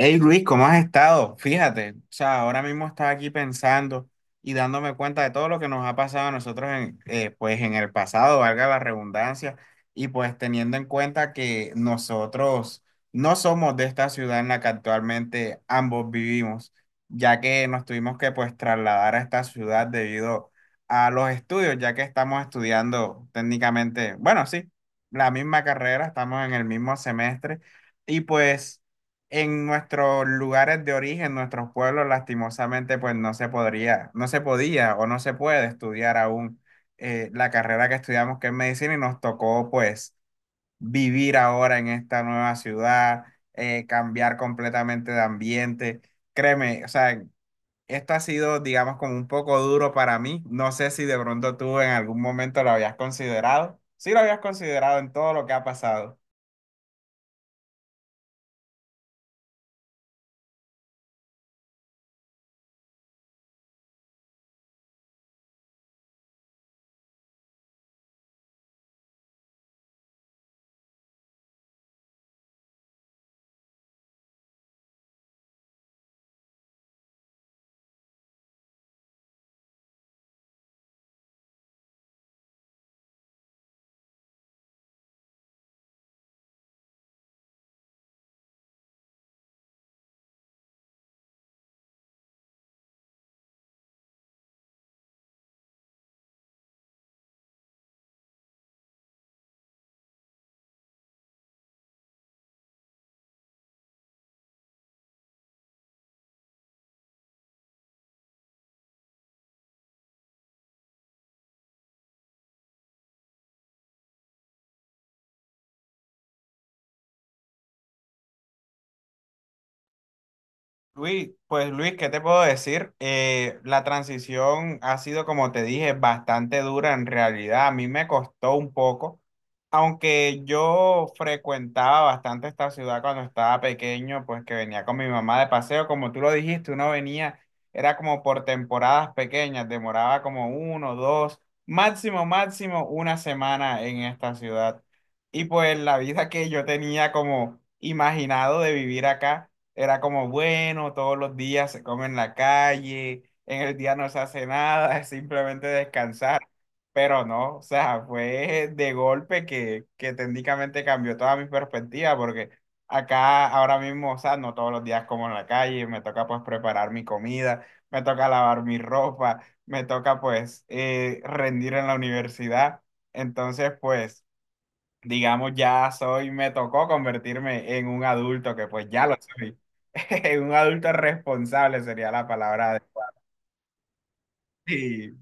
Hey Luis, ¿cómo has estado? Fíjate, o sea, ahora mismo estaba aquí pensando y dándome cuenta de todo lo que nos ha pasado a nosotros en, pues en el pasado, valga la redundancia, y pues teniendo en cuenta que nosotros no somos de esta ciudad en la que actualmente ambos vivimos, ya que nos tuvimos que pues trasladar a esta ciudad debido a los estudios, ya que estamos estudiando técnicamente, bueno, sí, la misma carrera, estamos en el mismo semestre y pues en nuestros lugares de origen, nuestros pueblos, lastimosamente, pues no se podría, no se podía o no se puede estudiar aún la carrera que estudiamos, que es medicina, y nos tocó pues vivir ahora en esta nueva ciudad, cambiar completamente de ambiente. Créeme, o sea, esto ha sido, digamos, como un poco duro para mí. No sé si de pronto tú en algún momento lo habías considerado. Sí lo habías considerado en todo lo que ha pasado. Luis, pues Luis, ¿qué te puedo decir? La transición ha sido, como te dije, bastante dura en realidad. A mí me costó un poco, aunque yo frecuentaba bastante esta ciudad cuando estaba pequeño, pues que venía con mi mamá de paseo, como tú lo dijiste, uno venía, era como por temporadas pequeñas, demoraba como uno, dos, máximo, máximo una semana en esta ciudad. Y pues la vida que yo tenía como imaginado de vivir acá era como, bueno, todos los días se come en la calle, en el día no se hace nada, es simplemente descansar. Pero no, o sea, fue de golpe que técnicamente cambió toda mi perspectiva, porque acá ahora mismo, o sea, no todos los días como en la calle, me toca pues preparar mi comida, me toca lavar mi ropa, me toca pues rendir en la universidad. Entonces, pues digamos, me tocó convertirme en un adulto, que pues ya lo soy. un adulto responsable sería la palabra adecuada. Sí.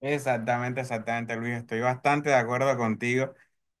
Exactamente, exactamente, Luis. Estoy bastante de acuerdo contigo.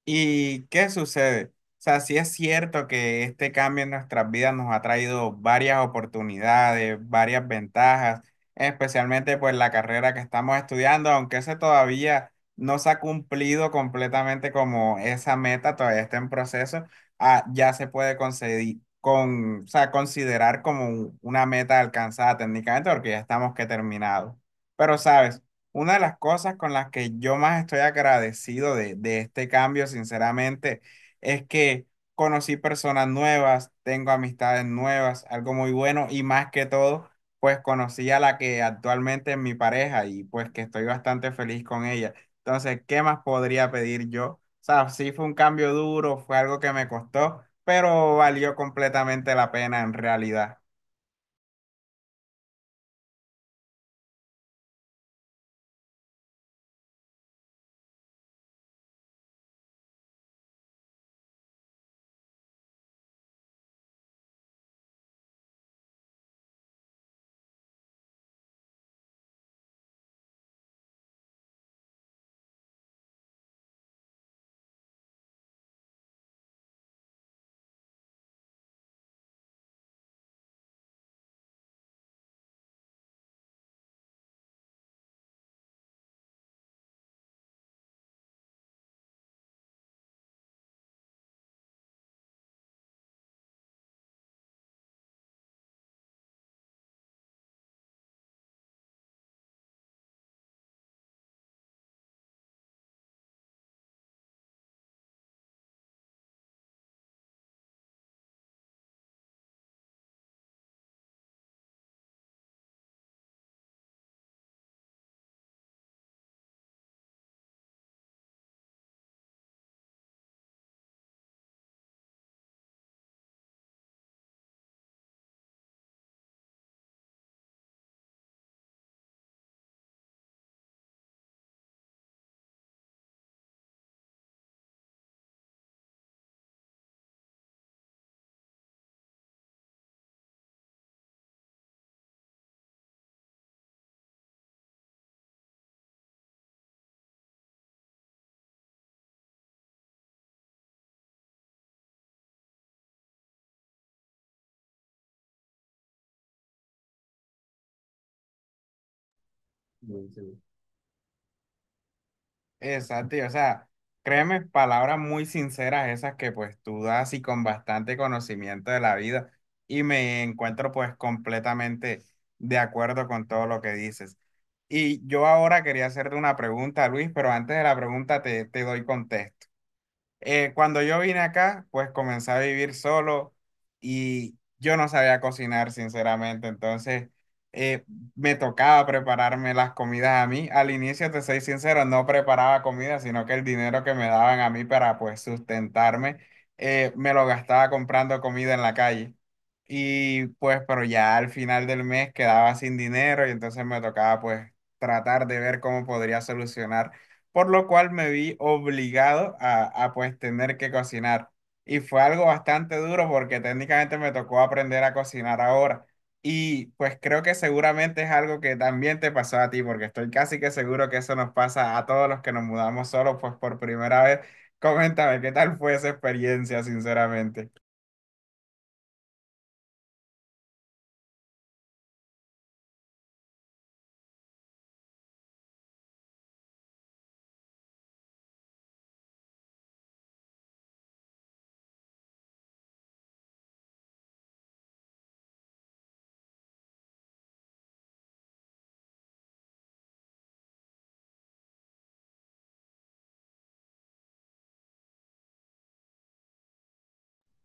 ¿Y qué sucede? O sea, sí es cierto que este cambio en nuestras vidas nos ha traído varias oportunidades, varias ventajas, especialmente pues la carrera que estamos estudiando, aunque ese todavía no se ha cumplido completamente como esa meta, todavía está en proceso, ya se puede considerar como una meta alcanzada técnicamente porque ya estamos que terminados. Pero sabes. Una de las cosas con las que yo más estoy agradecido de este cambio, sinceramente, es que conocí personas nuevas, tengo amistades nuevas, algo muy bueno y más que todo, pues conocí a la que actualmente es mi pareja y pues que estoy bastante feliz con ella. Entonces, ¿qué más podría pedir yo? O sea, sí fue un cambio duro, fue algo que me costó, pero valió completamente la pena en realidad. Sí, sí. Exacto, y o sea, créeme, palabras muy sinceras esas que pues tú das y con bastante conocimiento de la vida y me encuentro pues completamente de acuerdo con todo lo que dices. Y yo ahora quería hacerte una pregunta, Luis, pero antes de la pregunta te doy contexto. Cuando yo vine acá, pues comencé a vivir solo y yo no sabía cocinar, sinceramente. Entonces, eh, me tocaba prepararme las comidas a mí. Al inicio, te soy sincero, no preparaba comida, sino que el dinero que me daban a mí para pues sustentarme, me lo gastaba comprando comida en la calle. Y pues, pero ya al final del mes quedaba sin dinero y entonces me tocaba pues tratar de ver cómo podría solucionar por lo cual me vi obligado a pues tener que cocinar. Y fue algo bastante duro porque técnicamente me tocó aprender a cocinar ahora. Y pues creo que seguramente es algo que también te pasó a ti, porque estoy casi que seguro que eso nos pasa a todos los que nos mudamos solos, pues por primera vez. Coméntame, ¿qué tal fue esa experiencia, sinceramente?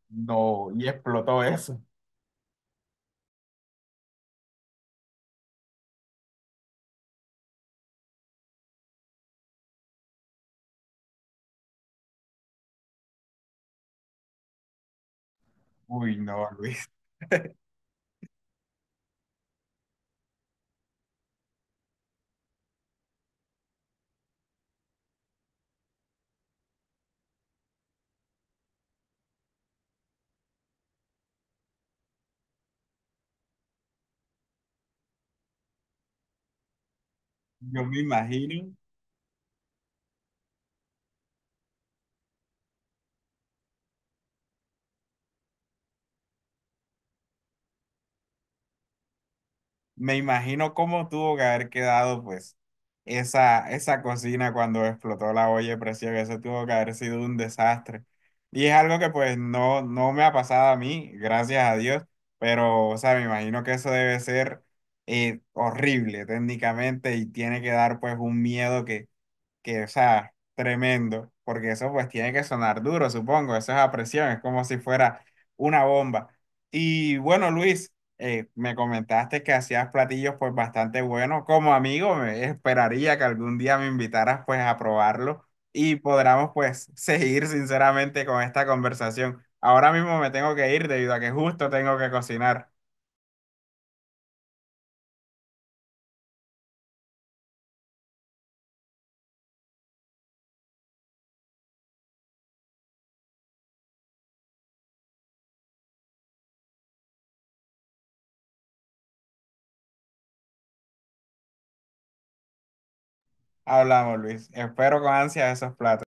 No, y explotó eso. Uy, no, Luis. Yo me imagino. Me imagino cómo tuvo que haber quedado, pues, esa cocina cuando explotó la olla de presión. Eso tuvo que haber sido un desastre. Y es algo que, pues, no, no me ha pasado a mí, gracias a Dios. Pero, o sea, me imagino que eso debe ser horrible técnicamente y tiene que dar, pues, un miedo que, o sea, tremendo, porque eso pues tiene que sonar duro, supongo, eso es a presión, es como si fuera una bomba. Y bueno, Luis, me comentaste que hacías platillos pues bastante buenos, como amigo, me esperaría que algún día me invitaras pues a probarlo y podamos pues seguir sinceramente con esta conversación. Ahora mismo me tengo que ir debido a que justo tengo que cocinar. Hablamos, Luis. Espero con ansia esos platos.